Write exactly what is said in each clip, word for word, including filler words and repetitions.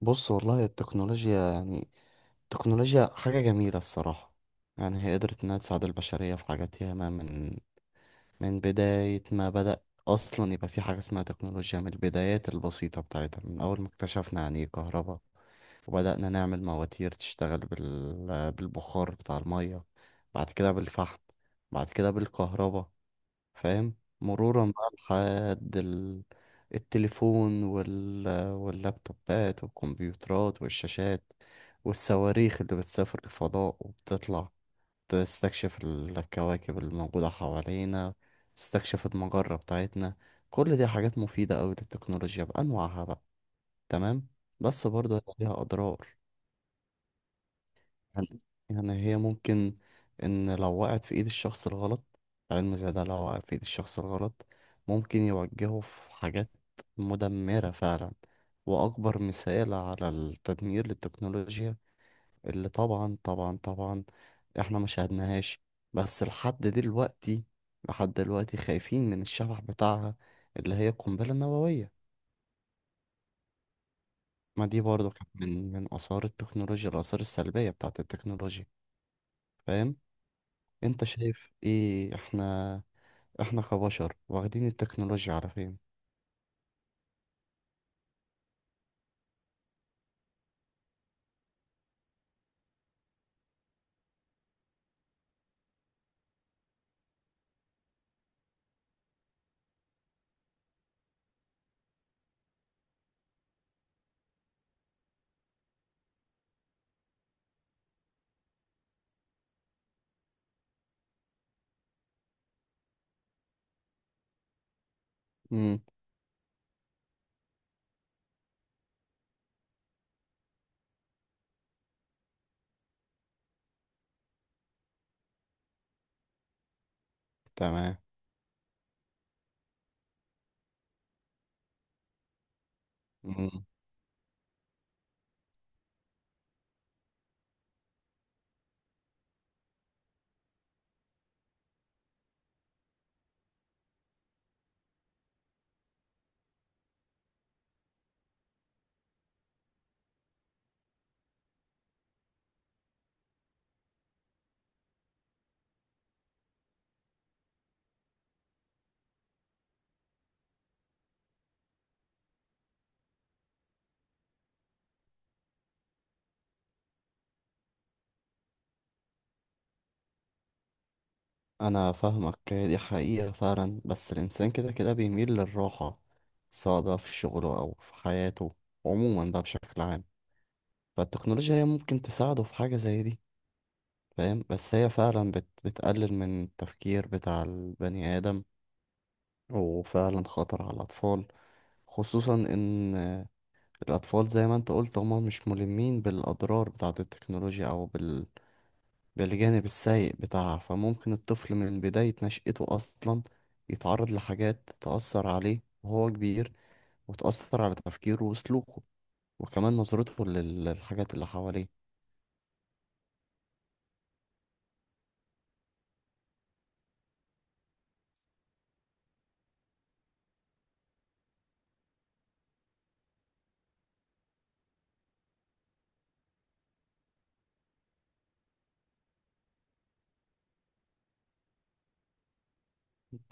بص والله التكنولوجيا يعني. التكنولوجيا حاجة جميلة الصراحة. يعني هي قدرت إنها تساعد البشرية في حاجات ياما، من من بداية ما بدأ. أصلا يبقى في حاجة اسمها تكنولوجيا من البدايات البسيطة بتاعتها، من أول ما اكتشفنا يعني إيه كهرباء، وبدأنا نعمل مواتير تشتغل بال... بالبخار بتاع المية، بعد كده بالفحم، بعد كده بالكهرباء. فاهم؟ مرورا بقى لحد ال... التليفون وال... واللابتوبات والكمبيوترات والشاشات، والصواريخ اللي بتسافر الفضاء وبتطلع تستكشف الكواكب الموجودة حوالينا، تستكشف المجرة بتاعتنا. كل دي حاجات مفيدة أوي للتكنولوجيا بأنواعها بقى. تمام. بس برضه هيبقى ليها أضرار. يعني يعني هي ممكن، إن لو وقعت في إيد الشخص الغلط، علم زي ده لو وقع في إيد الشخص الغلط ممكن يوجهه في حاجات مدمرة فعلا. وأكبر مثال على التدمير للتكنولوجيا، اللي طبعا طبعا طبعا إحنا ما شاهدناهاش بس لحد دلوقتي، لحد دلوقتي خايفين من الشبح بتاعها، اللي هي القنبلة النووية. ما دي برضو كانت من من آثار التكنولوجيا، الآثار السلبية بتاعت التكنولوجيا. فاهم؟ انت شايف ايه؟ احنا احنا كبشر واخدين التكنولوجيا على فين؟ امم. تمام. مم. انا فاهمك، هي دي حقيقة فعلا، بس الانسان كده كده بيميل للراحة، سواء بقى في شغله او في حياته، عموما بقى بشكل عام. فالتكنولوجيا هي ممكن تساعده في حاجة زي دي. فاهم؟ بس هي فعلا بت... بتقلل من التفكير بتاع البني آدم، وفعلا خطر على الأطفال، خصوصا ان الأطفال زي ما أنت قلت هما مش ملمين بالأضرار بتاعة التكنولوجيا أو بال... بالجانب السيء بتاعها. فممكن الطفل من بداية نشأته أصلا يتعرض لحاجات تأثر عليه وهو كبير، وتأثر على تفكيره وسلوكه، وكمان نظرته لل- للحاجات اللي حواليه.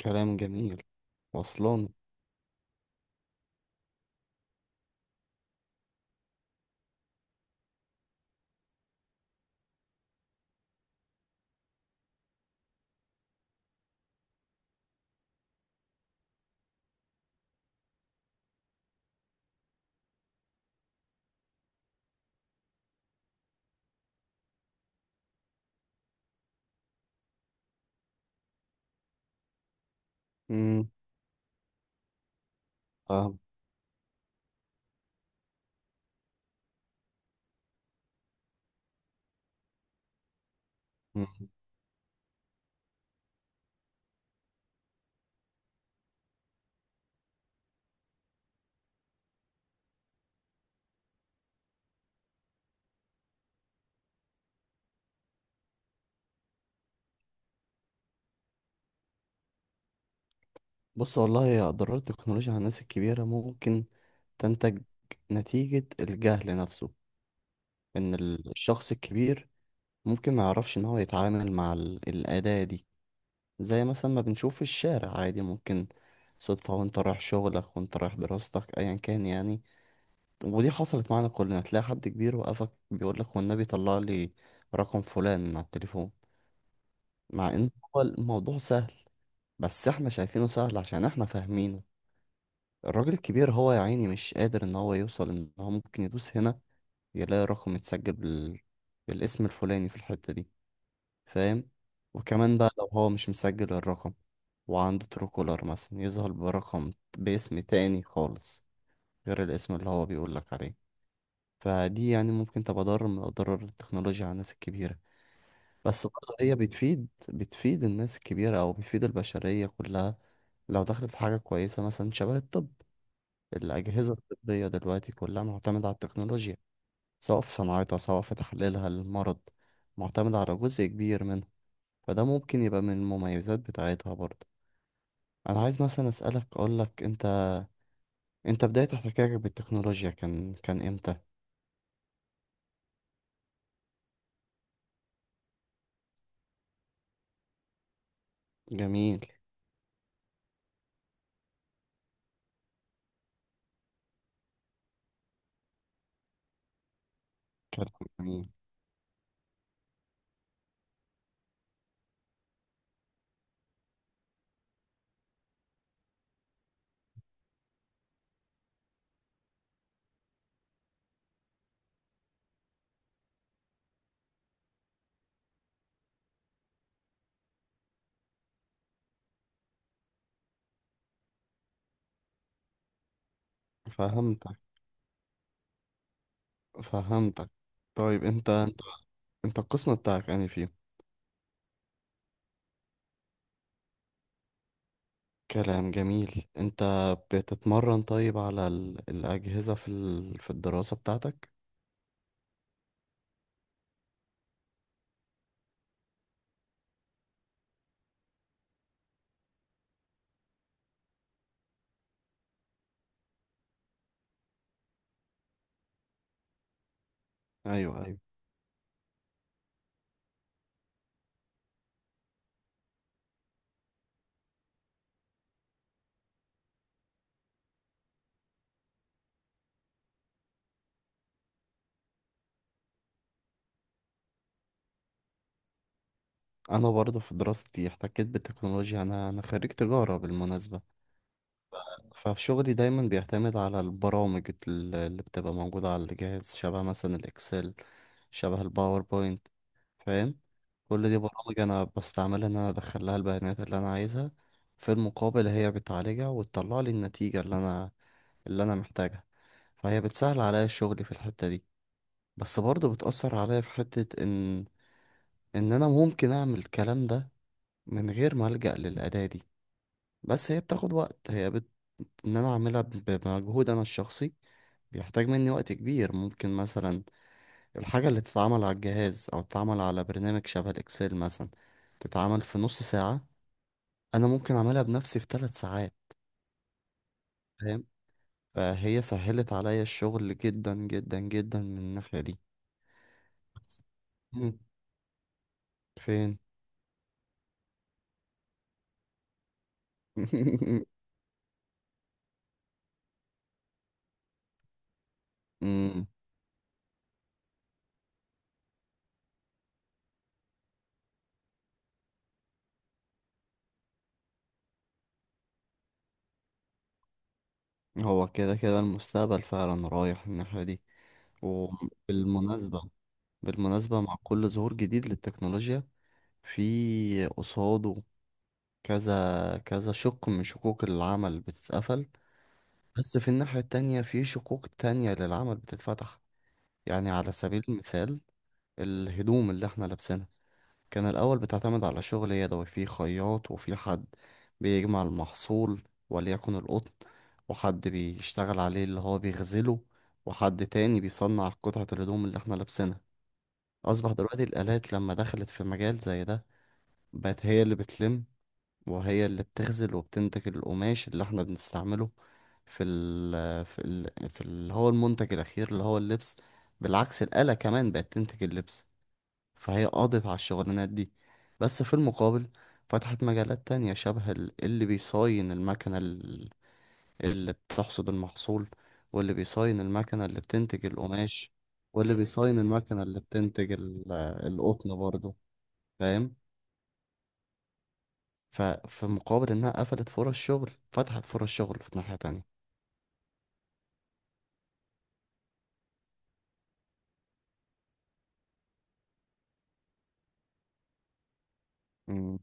كلام جميل. وصلان. امم. فاهم. مم. بص والله يا أضرار التكنولوجيا على الناس الكبيرة، ممكن تنتج نتيجة الجهل نفسه. إن الشخص الكبير ممكن ما يعرفش ان هو يتعامل مع ال- الأداة دي. زي مثلا ما بنشوف في الشارع، عادي ممكن صدفة وانت رايح شغلك وانت رايح دراستك ايا كان يعني، ودي حصلت معانا كلنا، تلاقي حد كبير وقفك بيقولك والنبي طلع لي رقم فلان على التليفون، مع ان هو الموضوع سهل، بس احنا شايفينه سهل عشان احنا فاهمينه. الراجل الكبير هو يا عيني مش قادر ان هو يوصل ان هو ممكن يدوس هنا يلاقي رقم متسجل بال... بالاسم الفلاني في الحتة دي. فاهم؟ وكمان بقى لو هو مش مسجل الرقم وعنده ترو كولر مثلا، يظهر برقم باسم تاني خالص غير الاسم اللي هو بيقولك عليه. فدي يعني ممكن تبقى ضرر من أضرار التكنولوجيا على الناس الكبيرة. بس برضه هي بتفيد، بتفيد الناس الكبيرة أو بتفيد البشرية كلها، لو دخلت في حاجة كويسة مثلا شبه الطب. الأجهزة الطبية دلوقتي كلها معتمدة على التكنولوجيا، سواء في صناعتها سواء في تحليلها للمرض، معتمدة على جزء كبير منها. فده ممكن يبقى من المميزات بتاعتها برضه. انا عايز مثلا اسالك، اقول لك انت، انت بدايه احتكاكك بالتكنولوجيا كان كان امتى؟ جميل. كلام جميل. فهمتك. فهمتك. طيب انت انت انت القسم بتاعك يعني فيه؟ كلام جميل. انت بتتمرن طيب على ال... الاجهزه في ال... في الدراسه بتاعتك؟ ايوه، ايوه. انا برضه في دراستي احتكيت بالتكنولوجيا، انا انا خريج تجاره بالمناسبه. ففي شغلي دايما بيعتمد على البرامج ال- اللي بتبقى موجودة على الجهاز، شبه مثلا الإكسل، شبه الباوربوينت. فاهم؟ كل دي برامج أنا بستعملها، إن أنا أدخل لها البيانات اللي أنا عايزها، في المقابل هي بتعالجها وتطلع لي النتيجة اللي أنا، اللي أنا محتاجها. فهي بتسهل عليا الشغل في الحتة دي. بس برضه بتأثر عليا في حتة إن إن أنا ممكن أعمل الكلام ده من غير ما ألجأ للأداة دي. بس هي بتاخد وقت، هي بت... إن أنا أعملها ب- بمجهود أنا الشخصي بيحتاج مني وقت كبير. ممكن مثلا الحاجة اللي تتعمل على الجهاز أو تتعمل على برنامج شبه الإكسل مثلا تتعمل في نص ساعة، أنا ممكن أعملها بنفسي في ثلاث ساعات. فاهم؟ فهي سهلت عليا الشغل جدا جدا جدا من الناحية دي. مم. فين؟ مم. هو كده كده المستقبل فعلا رايح الناحية دي. وبالمناسبة، بالمناسبة مع كل ظهور جديد للتكنولوجيا، في قصاده كذا كذا شق من شقوق العمل بتتقفل، بس في الناحية التانية في شقوق تانية للعمل بتتفتح. يعني على سبيل المثال، الهدوم اللي احنا لابسينها كان الأول بتعتمد على شغل يدوي، في خياط وفي حد بيجمع المحصول، وليكن القطن، وحد بيشتغل عليه اللي هو بيغزله، وحد تاني بيصنع قطعة الهدوم اللي احنا لابسينها. أصبح دلوقتي الآلات لما دخلت في مجال زي ده، بقت هي اللي بتلم، وهي اللي بتغزل وبتنتج القماش اللي احنا بنستعمله، في ال في ال في اللي هو المنتج الأخير اللي هو اللبس. بالعكس الآلة كمان بقت تنتج اللبس. فهي قضت على الشغلانات دي. بس في المقابل فتحت مجالات تانية، شبه ال- اللي بيصاين المكنة ال- اللي بتحصد المحصول، واللي بيصاين المكنة اللي بتنتج القماش، واللي بيصاين المكنة اللي بتنتج ال- القطن برضه. فاهم؟ ففي مقابل انها قفلت فرص شغل، فتحت فرص شغل في ناحية تانية. امم.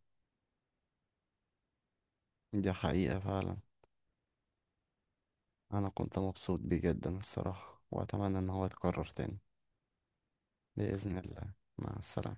دي حقيقة فعلا. انا كنت مبسوط بيه جدا الصراحة، واتمنى ان هو يتكرر تاني. بإذن الله. مع السلامة.